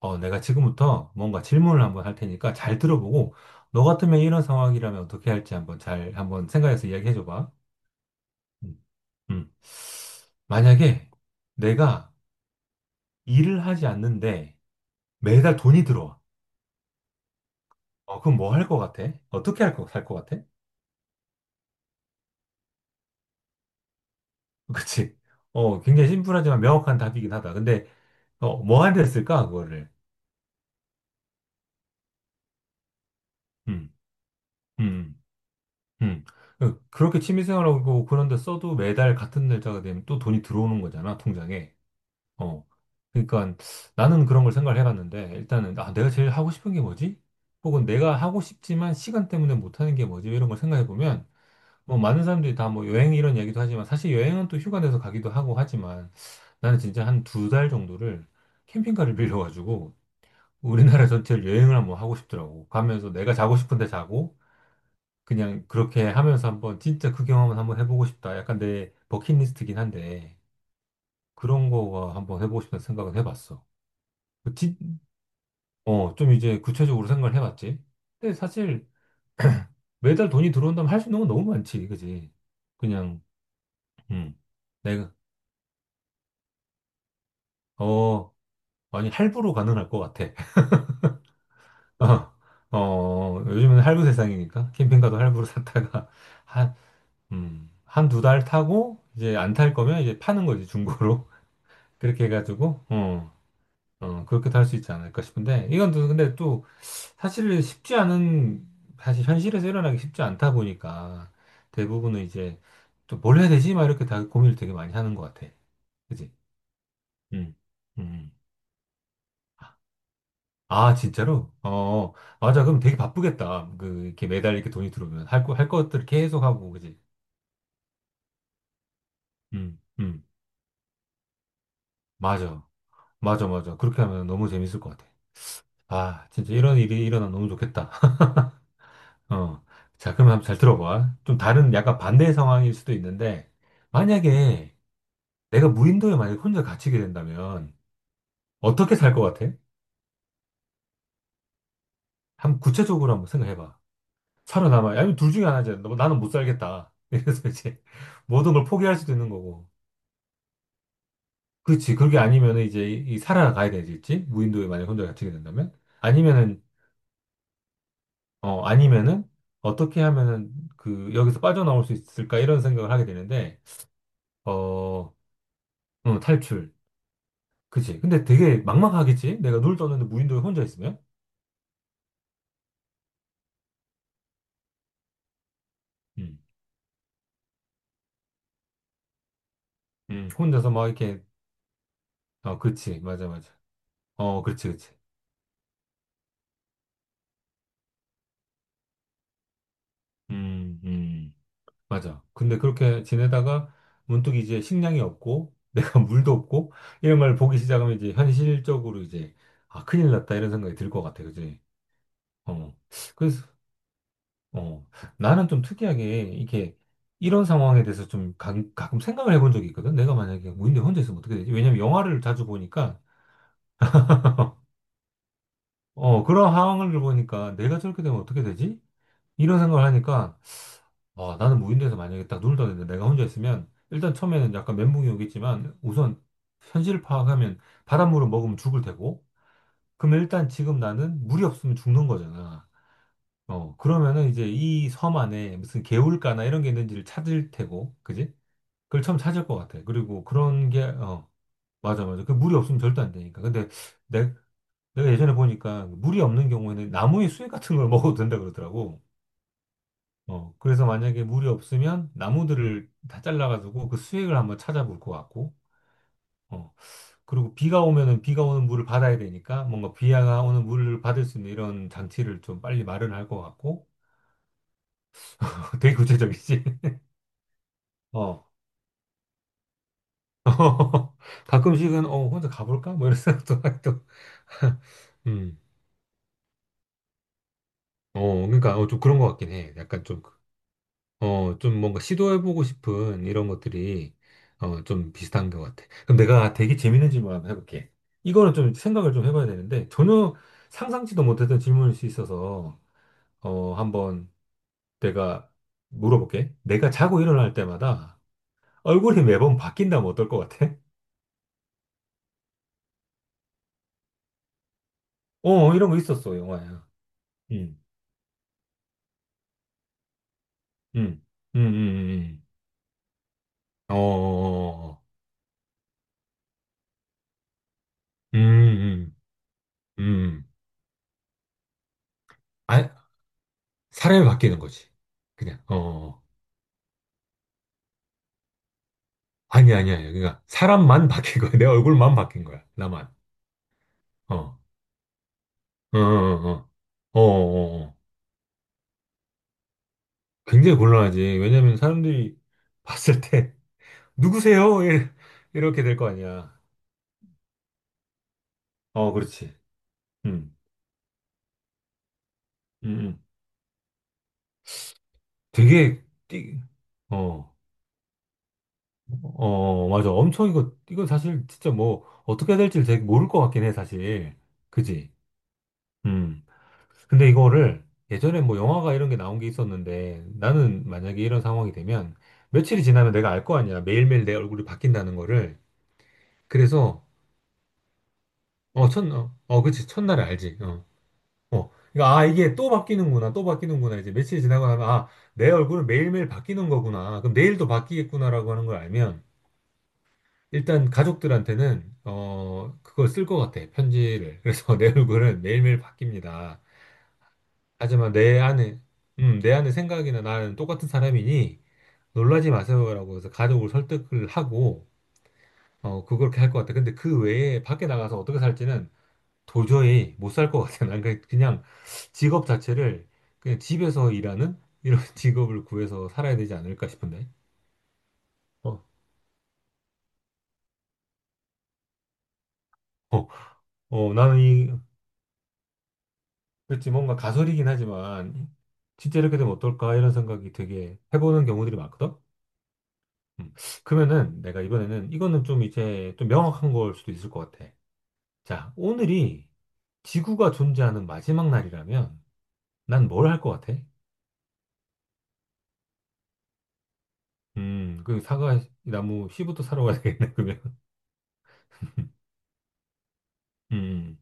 내가 지금부터 뭔가 질문을 한번 할 테니까 잘 들어보고, 너 같으면 이런 상황이라면 어떻게 할지 한번 잘, 한번 생각해서 이야기해 줘봐. 음. 음. 만약에 내가 일을 하지 않는데 매달 돈이 들어와. 그럼 뭐 할 것 같아? 어떻게 할 거, 살것 같아? 그치? 굉장히 심플하지만 명확한 답이긴 하다. 근데, 뭐 하는 데 쓸까, 그거를? 음, 음, 음. 그렇게 취미생활하고 그런 데 써도 매달 같은 날짜가 되면 또 돈이 들어오는 거잖아, 통장에. 어. 그러니까 나는 그런 걸 생각을 해봤는데 일단은 아, 내가 제일 하고 싶은 게 뭐지? 혹은 내가 하고 싶지만 시간 때문에 못하는 게 뭐지? 이런 걸 생각해 보면 뭐 많은 사람들이 다 뭐 여행 이런 얘기도 하지만 사실 여행은 또 휴가 내서 가기도 하고 하지만 나는 진짜 한 두 달 정도를 캠핑카를 빌려가지고 우리나라 전체를 여행을 한번 하고 싶더라고. 가면서 내가 자고 싶은데 자고 그냥 그렇게 하면서 한번 진짜 그 경험을 한번 해보고 싶다. 약간 내 버킷리스트긴 한데 그런 거가 한번 해보고 싶다는 생각은 해봤어. 좀 이제 구체적으로 생각을 해봤지. 근데 사실 매달 돈이 들어온다면 할 수 있는 건 너무 많지, 그지? 그냥, 음, 내가, 어, 아니, 할부로 가능할 것 같아. 어, 어, 요즘은 할부 세상이니까 캠핑카도 할부로 샀다가 한, 한 두 달 타고 이제 안 탈 거면 이제 파는 거지, 중고로. 그렇게 해가지고, 그렇게도 할 수 있지 않을까 싶은데, 이건 또 근데 또 사실 쉽지 않은, 사실 현실에서 일어나기 쉽지 않다 보니까 대부분은 이제 또 뭘 해야 되지? 막 이렇게 다 고민을 되게 많이 하는 것 같아. 그지? 음, 음. 아, 진짜로? 어, 어. 맞아. 그럼 되게 바쁘겠다. 그, 이렇게 매달 이렇게 돈이 들어오면 할 거, 할 것들 계속 하고, 그지? 음, 음. 맞아. 맞아, 맞아. 그렇게 하면 너무 재밌을 것 같아. 아, 진짜 이런 일이 일어나면 너무 좋겠다. 어. 자, 그럼 한번 잘 들어봐. 좀 다른 약간 반대 상황일 수도 있는데, 만약에 내가 무인도에 만약에 혼자 갇히게 된다면 어떻게 살 것 같아? 한번 구체적으로 한번 생각해봐. 살아남아. 아니면 둘 중에 하나지. 너, 나는 못 살겠다. 그래서 이제 모든 걸 포기할 수도 있는 거고. 그렇지. 그게 아니면 이제 이 살아가야 되겠지. 무인도에 만약에 혼자 갇히게 된다면. 아니면은, 아니면은 어떻게 하면은 그 여기서 빠져나올 수 있을까? 이런 생각을 하게 되는데, 어, 응, 탈출. 그치. 근데 되게 막막하겠지? 내가 눈을 떴는데 무인도에 혼자 있으면? 음. 혼자서 막 이렇게, 어, 그치. 맞아, 맞아. 어, 그렇지, 그렇지. 음, 음, 맞아. 근데 그렇게 지내다가 문득 이제 식량이 없고, 내가 물도 없고, 이런 걸 보기 시작하면 이제 현실적으로 이제, 아, 큰일 났다, 이런 생각이 들 것 같아, 그지? 어. 그래서, 어, 나는 좀 특이하게, 이렇게, 이런 상황에 대해서 좀 가끔 생각을 해본 적이 있거든? 내가 만약에 무인대 혼자 있으면 어떻게 되지? 왜냐면 영화를 자주 보니까, 그런 상황을 보니까 내가 저렇게 되면 어떻게 되지? 이런 생각을 하니까, 아, 나는 무인도에서 만약에 딱 눈을 떠는데 내가 혼자 있으면 일단 처음에는 약간 멘붕이 오겠지만 우선 현실을 파악하면 바닷물을 먹으면 죽을 테고 그러면 일단 지금 나는 물이 없으면 죽는 거잖아. 그러면은 이제 이 섬 안에 무슨 개울가나 이런 게 있는지를 찾을 테고, 그지? 그걸 처음 찾을 것 같아. 그리고 그런 게, 맞아, 맞아. 그 물이 없으면 절대 안 되니까. 근데 내, 내가 예전에 보니까 물이 없는 경우에는 나무의 수액 같은 걸 먹어도 된다 그러더라고. 그래서 만약에 물이 없으면 나무들을 다 잘라가지고 그 수액을 한번 찾아볼 것 같고, 어, 그리고 비가 오면은 비가 오는 물을 받아야 되니까 뭔가 비가 오는 물을 받을 수 있는 이런 장치를 좀 빨리 마련할 것 같고, 되게 구체적이지? 어. 가끔씩은, 혼자 가볼까? 뭐 이런 생각도 하기도, 음, 그러니까, 좀 그런 것 같긴 해. 약간 좀 좀 뭔가 시도해보고 싶은 이런 것들이 좀 비슷한 것 같아. 그럼 내가 되게 재밌는 질문 한번 해볼게. 이거는 좀 생각을 좀 해봐야 되는데 전혀 상상치도 못했던 질문일 수 있어서 한번 내가 물어볼게. 내가 자고 일어날 때마다 얼굴이 매번 바뀐다면 어떨 것 같아? 이런 거 있었어, 영화야. 응, 응, 응, 응, 응. 응. 어, 어, 어, 어. 음, 음, 음. 아, 사람이 바뀌는 거지. 그냥, 어. 어, 어. 아니, 아니, 아니. 그러니까, 사람만 바뀐 거야. 내 얼굴만 바뀐 거야. 나만. 어, 어, 어, 어. 어, 어, 어. 어. 굉장히 곤란하지. 왜냐면 사람들이 봤을 때, 누구세요? 이렇게 될 거 아니야. 어, 그렇지. 음, 음, 음. 되게, 띠, 어, 어, 맞아. 엄청 이거 사실 진짜 뭐, 어떻게 해야 될지 되게 모를 것 같긴 해, 사실. 그지? 음. 근데 이거를 예전에 뭐 영화가 이런 게 나온 게 있었는데 나는 만약에 이런 상황이 되면 며칠이 지나면 내가 알 거 아니야. 매일매일 내 얼굴이 바뀐다는 거를. 그래서 그치. 첫날에 알지. 어, 어. 그러니까 아, 이게 또 바뀌는구나. 또 바뀌는구나. 이제 며칠이 지나고 나면 아, 내 얼굴은 매일매일 바뀌는 거구나. 그럼 내일도 바뀌겠구나라고 하는 걸 알면 일단 가족들한테는 그걸 쓸 것 같아. 편지를. 그래서 내 얼굴은 매일매일 바뀝니다. 하지만 내 안에, 내 안에 생각이나 나는 똑같은 사람이니 놀라지 마세요라고 해서 가족을 설득을 하고, 그걸 그렇게 할 것 같아. 근데 그 외에 밖에 나가서 어떻게 살지는 도저히 못 살 것 같아. 난 그냥 직업 자체를 그냥 집에서 일하는 이런 직업을 구해서 살아야 되지 않을까 싶은데. 어, 어, 어, 그렇지, 뭔가 가설이긴 하지만 진짜 이렇게 되면 어떨까 이런 생각이 되게 해보는 경우들이 많거든. 음. 그러면은 내가 이번에는 이거는 좀 이제 좀 명확한 걸 수도 있을 것 같아. 자, 오늘이 지구가 존재하는 마지막 날이라면 난 뭘 할 것 같아? 그 사과 나무 씨부터 사러 가야 되겠네, 그러면. 음,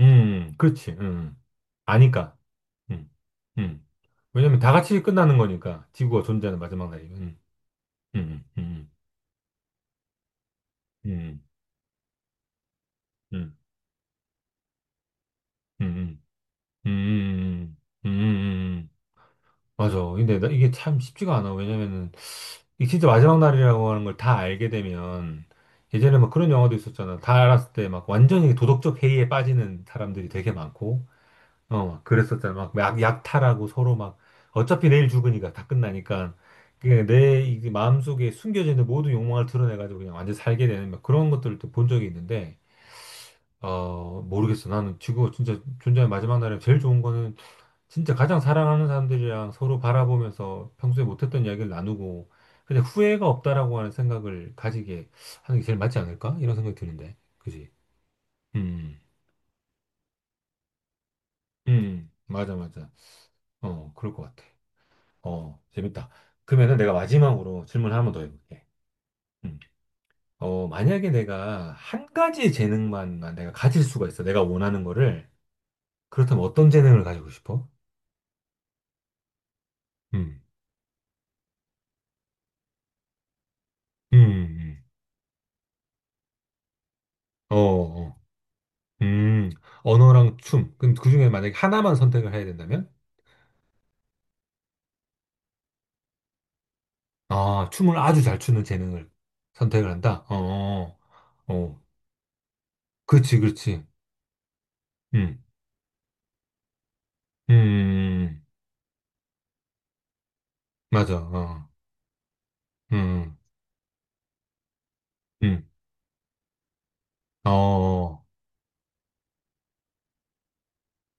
음, 그렇지. 음. 아니까. 음, 음. 왜냐면 다 같이 끝나는 거니까 지구가 존재하는 마지막 날이. 음, 음, 음, 음, 음, 음, 음, 음, 음. 맞아. 근데 나 이게 참 쉽지가 않아. 왜냐면은 이 진짜 마지막 날이라고 하는 걸 다 알게 되면 예전에 막 그런 영화도 있었잖아. 다 알았을 때 막 완전히 도덕적 해이에 빠지는 사람들이 되게 많고, 막 그랬었잖아. 막 약탈하고 서로 막 어차피 내일 죽으니까 다 끝나니까 그내 이게 마음속에 숨겨져 있는 모든 욕망을 드러내가지고 그냥 완전 살게 되는 막 그런 것들을 또 본 적이 있는데, 모르겠어. 나는 지금 진짜 존재의 마지막 날에 제일 좋은 거는 진짜 가장 사랑하는 사람들이랑 서로 바라보면서 평소에 못했던 이야기를 나누고, 근데 후회가 없다라고 하는 생각을 가지게 하는 게 제일 맞지 않을까? 이런 생각이 드는데. 그지? 음, 맞아, 맞아. 그럴 것 같아. 재밌다. 그러면은 내가 마지막으로 질문 을 하나 더 해볼게. 음. 만약에 내가 한 가지 재능만 내가 가질 수가 있어. 내가 원하는 거를. 그렇다면 어떤 재능을 가지고 싶어? 음, 음, 음. 어, 어. 음, 언어랑 춤. 그럼 그중에 만약에 하나만 선택을 해야 된다면? 아, 춤을 아주 잘 추는 재능을 선택을 한다? 어, 어. 어. 그렇지, 그렇지. 음, 음, 음, 음. 맞아. 어, 음, 음, 어, 어,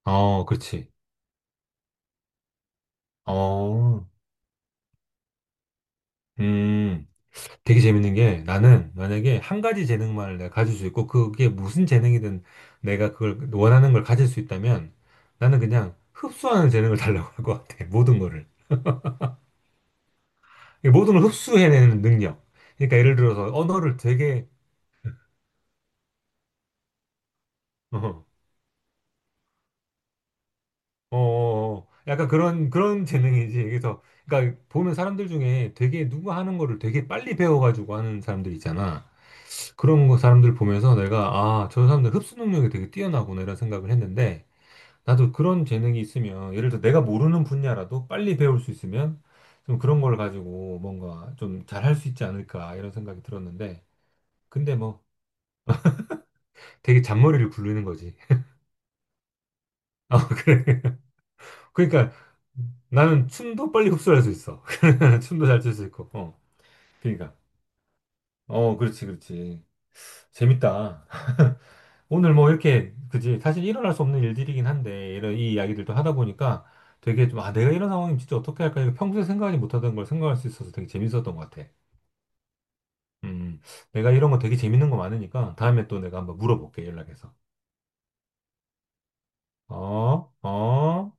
어, 그렇지. 어, 음. 되게 재밌는 게 나는 만약에 한 가지 재능만을 내가 가질 수 있고 그게 무슨 재능이든 내가 그걸 원하는 걸 가질 수 있다면 나는 그냥 흡수하는 재능을 달라고 할 것 같아. 모든 거를. 이 모든 걸 흡수해내는 능력. 그러니까 예를 들어서 언어를 되게 어, 어, 약간 그런 재능이지. 그래서 그러니까 보면 사람들 중에 되게 누구 하는 거를 되게 빨리 배워가지고 하는 사람들 있잖아. 그런 거 사람들 보면서 내가 아, 저 사람들 흡수 능력이 되게 뛰어나구나 이런 생각을 했는데 나도 그런 재능이 있으면 예를 들어 내가 모르는 분야라도 빨리 배울 수 있으면 좀 그런 걸 가지고 뭔가 좀 잘할 수 있지 않을까 이런 생각이 들었는데 근데 뭐 되게 잔머리를 굴리는 거지. 아, 그래. 그러니까 나는 춤도 빨리 흡수할 수 있어. 춤도 잘 출 수 있고. 어. 그러니까. 어, 그렇지, 그렇지. 재밌다. 오늘 뭐 이렇게, 그지? 사실 일어날 수 없는 일들이긴 한데, 이런 이 이야기들도 하다 보니까 되게 좀, 아, 내가 이런 상황이면 진짜 어떻게 할까? 이거 평소에 생각하지 못하던 걸 생각할 수 있어서 되게 재밌었던 것 같아. 음, 내가 이런 거 되게 재밌는 거 많으니까 다음에 또 내가 한번 물어볼게, 연락해서. 어, 어.